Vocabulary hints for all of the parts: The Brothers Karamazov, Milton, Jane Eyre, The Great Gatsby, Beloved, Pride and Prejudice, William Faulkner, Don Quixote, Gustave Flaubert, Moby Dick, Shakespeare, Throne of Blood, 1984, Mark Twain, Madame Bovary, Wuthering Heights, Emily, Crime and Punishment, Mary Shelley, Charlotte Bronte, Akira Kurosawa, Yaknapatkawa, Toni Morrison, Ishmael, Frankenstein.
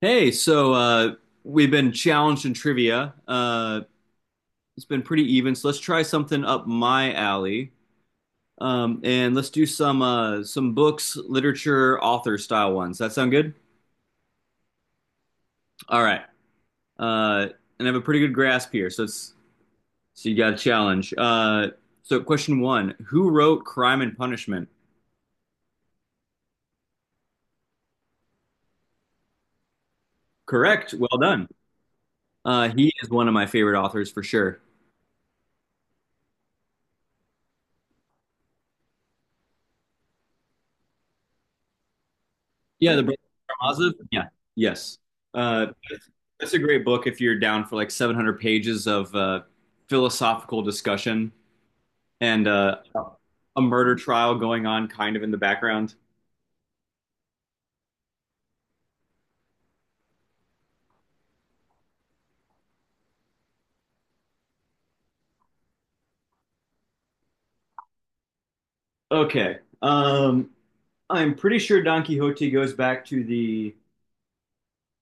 Hey, so we've been challenged in trivia. It's been pretty even, so let's try something up my alley. And let's do some books, literature, author style ones. That sound good? All right. Uh, and I have a pretty good grasp here, so it's so you got a challenge. So question one: Who wrote *Crime and Punishment*? Correct. Well done. He is one of my favorite authors for sure. Yeah, the Brothers Karamazov. Yeah, yes. Uh, that's a great book if you're down for like 700 pages of philosophical discussion and a murder trial going on kind of in the background. Okay. I'm pretty sure Don Quixote goes back to the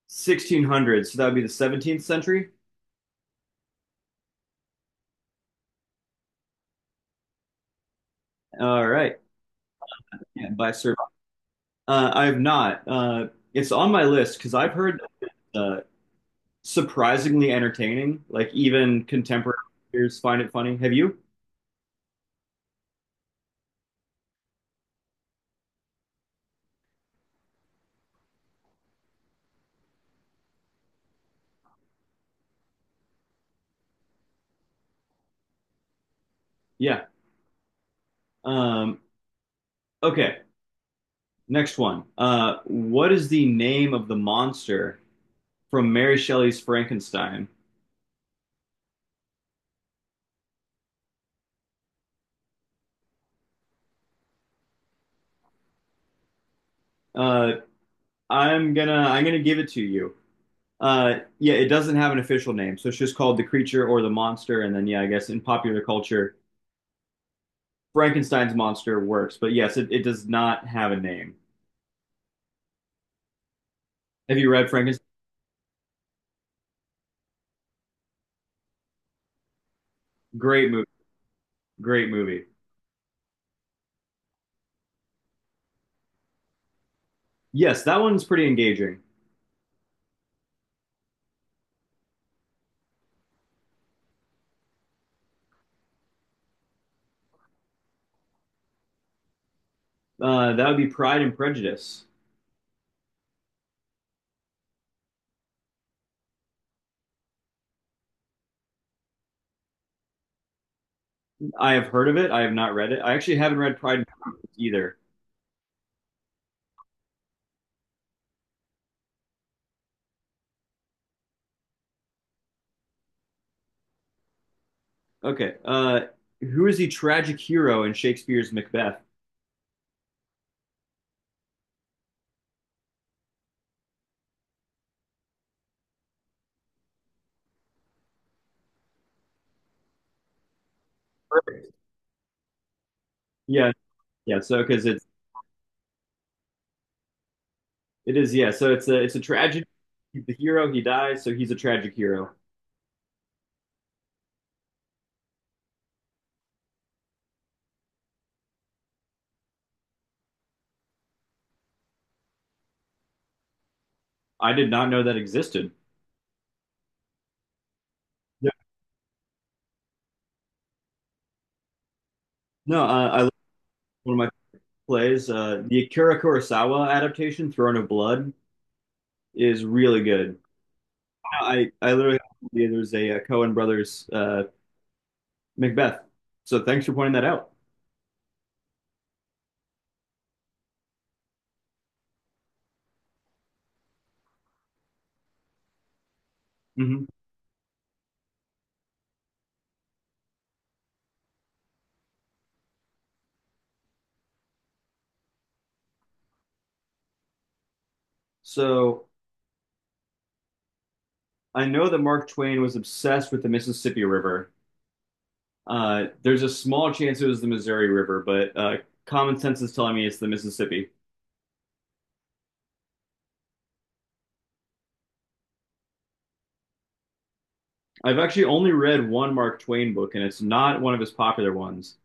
1600s, so that would be the 17th century. All right. Yeah, by Sir. I have not. It's on my list because I've heard uh, surprisingly entertaining. Like even contemporary readers find it funny. Have you? Yeah. Um, okay. Next one. What is the name of the monster from Mary Shelley's Frankenstein? Uh, I'm gonna give it to you. Yeah, it doesn't have an official name, so it's just called the creature or the monster. And then yeah, I guess in popular culture, Frankenstein's monster works. But yes, it does not have a name. Have you read Frankenstein? Great movie. Great movie. Yes, that one's pretty engaging. That would be Pride and Prejudice. I have heard of it. I have not read it. I actually haven't read Pride and Prejudice either. Okay. Who is the tragic hero in Shakespeare's Macbeth? Perfect. Yeah, yeah. So because it's it is, yeah. So it's a tragedy. He's the hero. He dies. So he's a tragic hero. I did not know that existed. Yeah. No, I love one of my plays. The Akira Kurosawa adaptation, Throne of Blood, is really good. I literally There's a Cohen Brothers Macbeth. So thanks for pointing that out. hmm So I know that Mark Twain was obsessed with the Mississippi River. There's a small chance it was the Missouri River, but common sense is telling me it's the Mississippi. I've actually only read one Mark Twain book, and it's not one of his popular ones.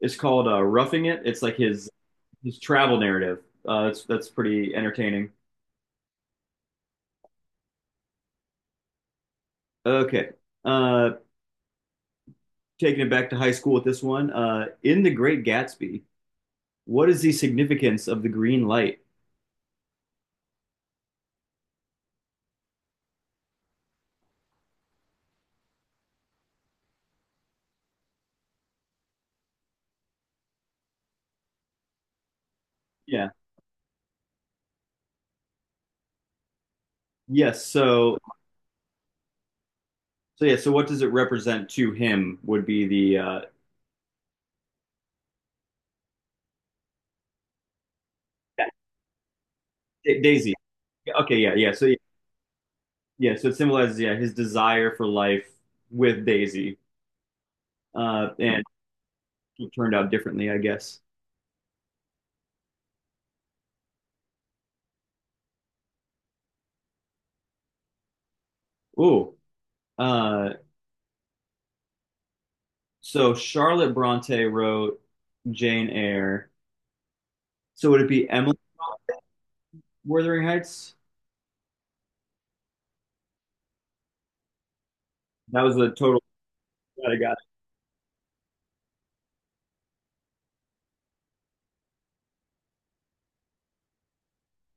It's called Roughing It. It's like his travel narrative. That's pretty entertaining. Okay, uh, taking it back to high school with this one. In The Great Gatsby, what is the significance of the green light? Yeah. Yes. So, what does it represent to him? Would be the Daisy. Okay. Yeah. Yeah. So yeah. Yeah. So it symbolizes, yeah, his desire for life with Daisy. And it turned out differently, I guess. Ooh. Uh, so Charlotte Bronte wrote Jane Eyre. So would it be Emily Wuthering Heights? That was the total that I got.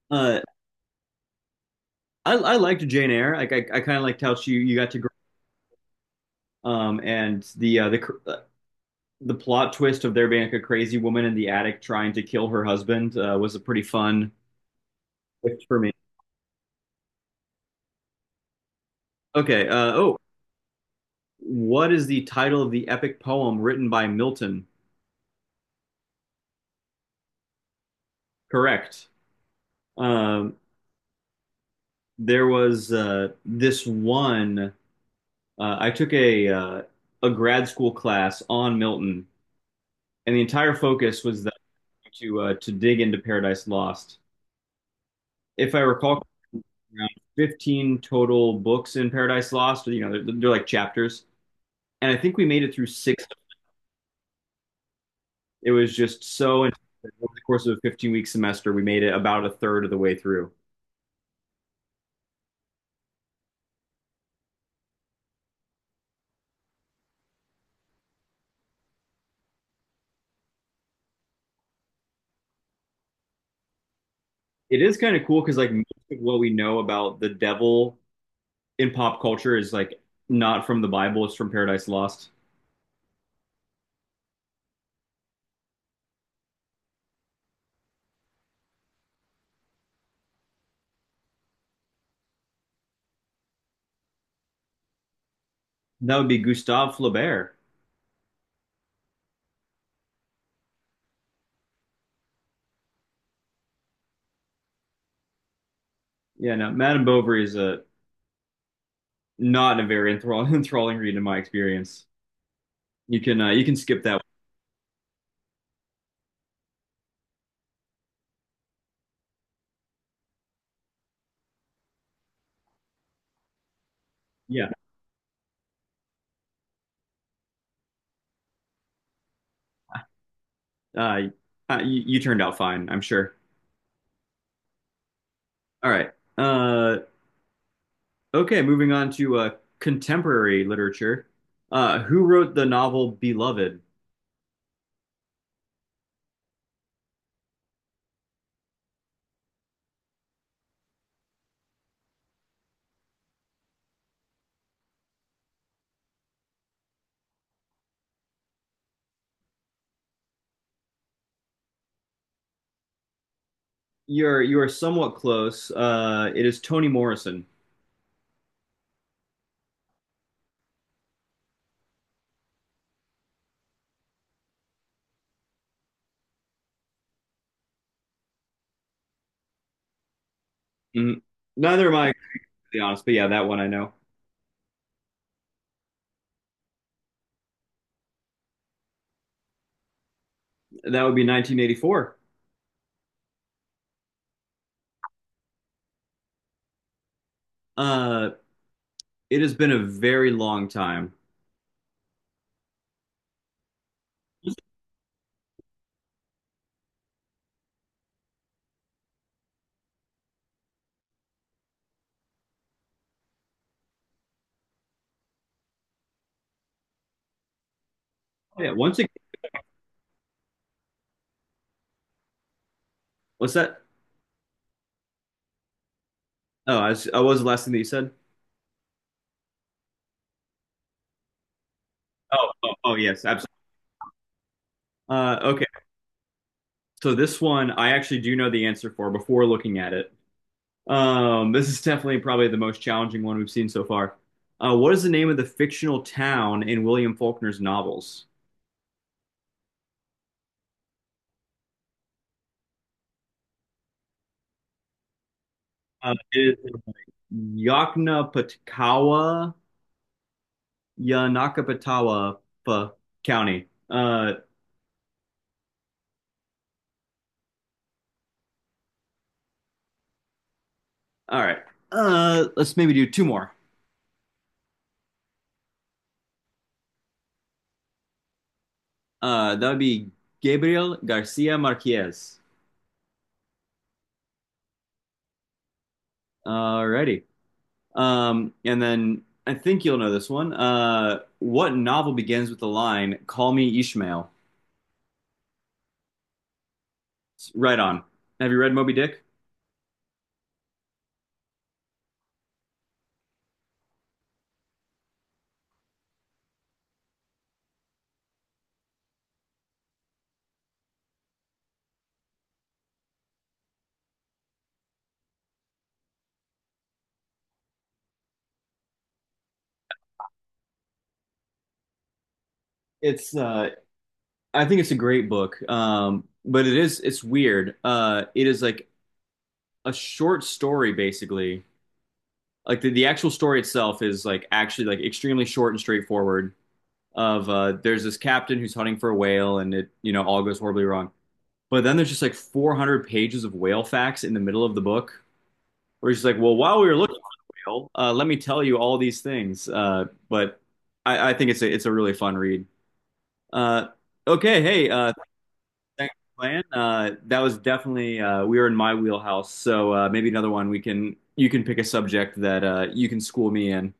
Uh, I liked Jane Eyre. Like I kind of liked how she you got to grow. And the the plot twist of there being like a crazy woman in the attic trying to kill her husband was a pretty fun twist for me. Okay. Oh, what is the title of the epic poem written by Milton? Correct. Um, there was this one. I took a grad school class on Milton, and the entire focus was that to dig into Paradise Lost. If I recall, around 15 total books in Paradise Lost. You know, they're like chapters. And I think we made it through six. It was just so intense. Over the course of a 15-week semester, we made it about a third of the way through. It is kind of cool because like most of what we know about the devil in pop culture is like not from the Bible; it's from Paradise Lost. That would be Gustave Flaubert. Yeah, no, Madame Bovary is a not a very enthralling, enthralling read in my experience. You can skip that one. Yeah, uh, you turned out fine, I'm sure. All right. Uh, Okay moving on to contemporary literature. Who wrote the novel Beloved? You are somewhat close. It is Toni Morrison. Mhm. Neither am I, to be honest, but yeah, that one I know. That would be 1984. Uh, it has been a very long time. Oh, yeah, once again, what's that? What was the last thing that you said? Oh, oh, oh, yes, absolutely. Okay, so this one I actually do know the answer for before looking at it. This is definitely probably the most challenging one we've seen so far. What is the name of the fictional town in William Faulkner's novels? It is Yaknapatkawa, Yanakapatawa Pa County. All right. Let's maybe do two more. That would be Gabriel Garcia Marquez. Alrighty. And then I think you'll know this one. What novel begins with the line "Call me Ishmael"? Right on. Have you read Moby Dick? It's I think it's a great book. But it's weird. It is like a short story basically. Like the actual story itself is like actually like extremely short and straightforward of, there's this captain who's hunting for a whale and, it, you know, all goes horribly wrong. But then there's just like 400 pages of whale facts in the middle of the book where it's just like, "Well, while we were looking for the whale, let me tell you all these things." But I think it's a really fun read. Uh, okay, hey, thanks for playing. That was definitely we were in my wheelhouse, so maybe another one we can you can pick a subject that you can school me in.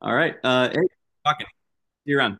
All right, hey, talking. See you around.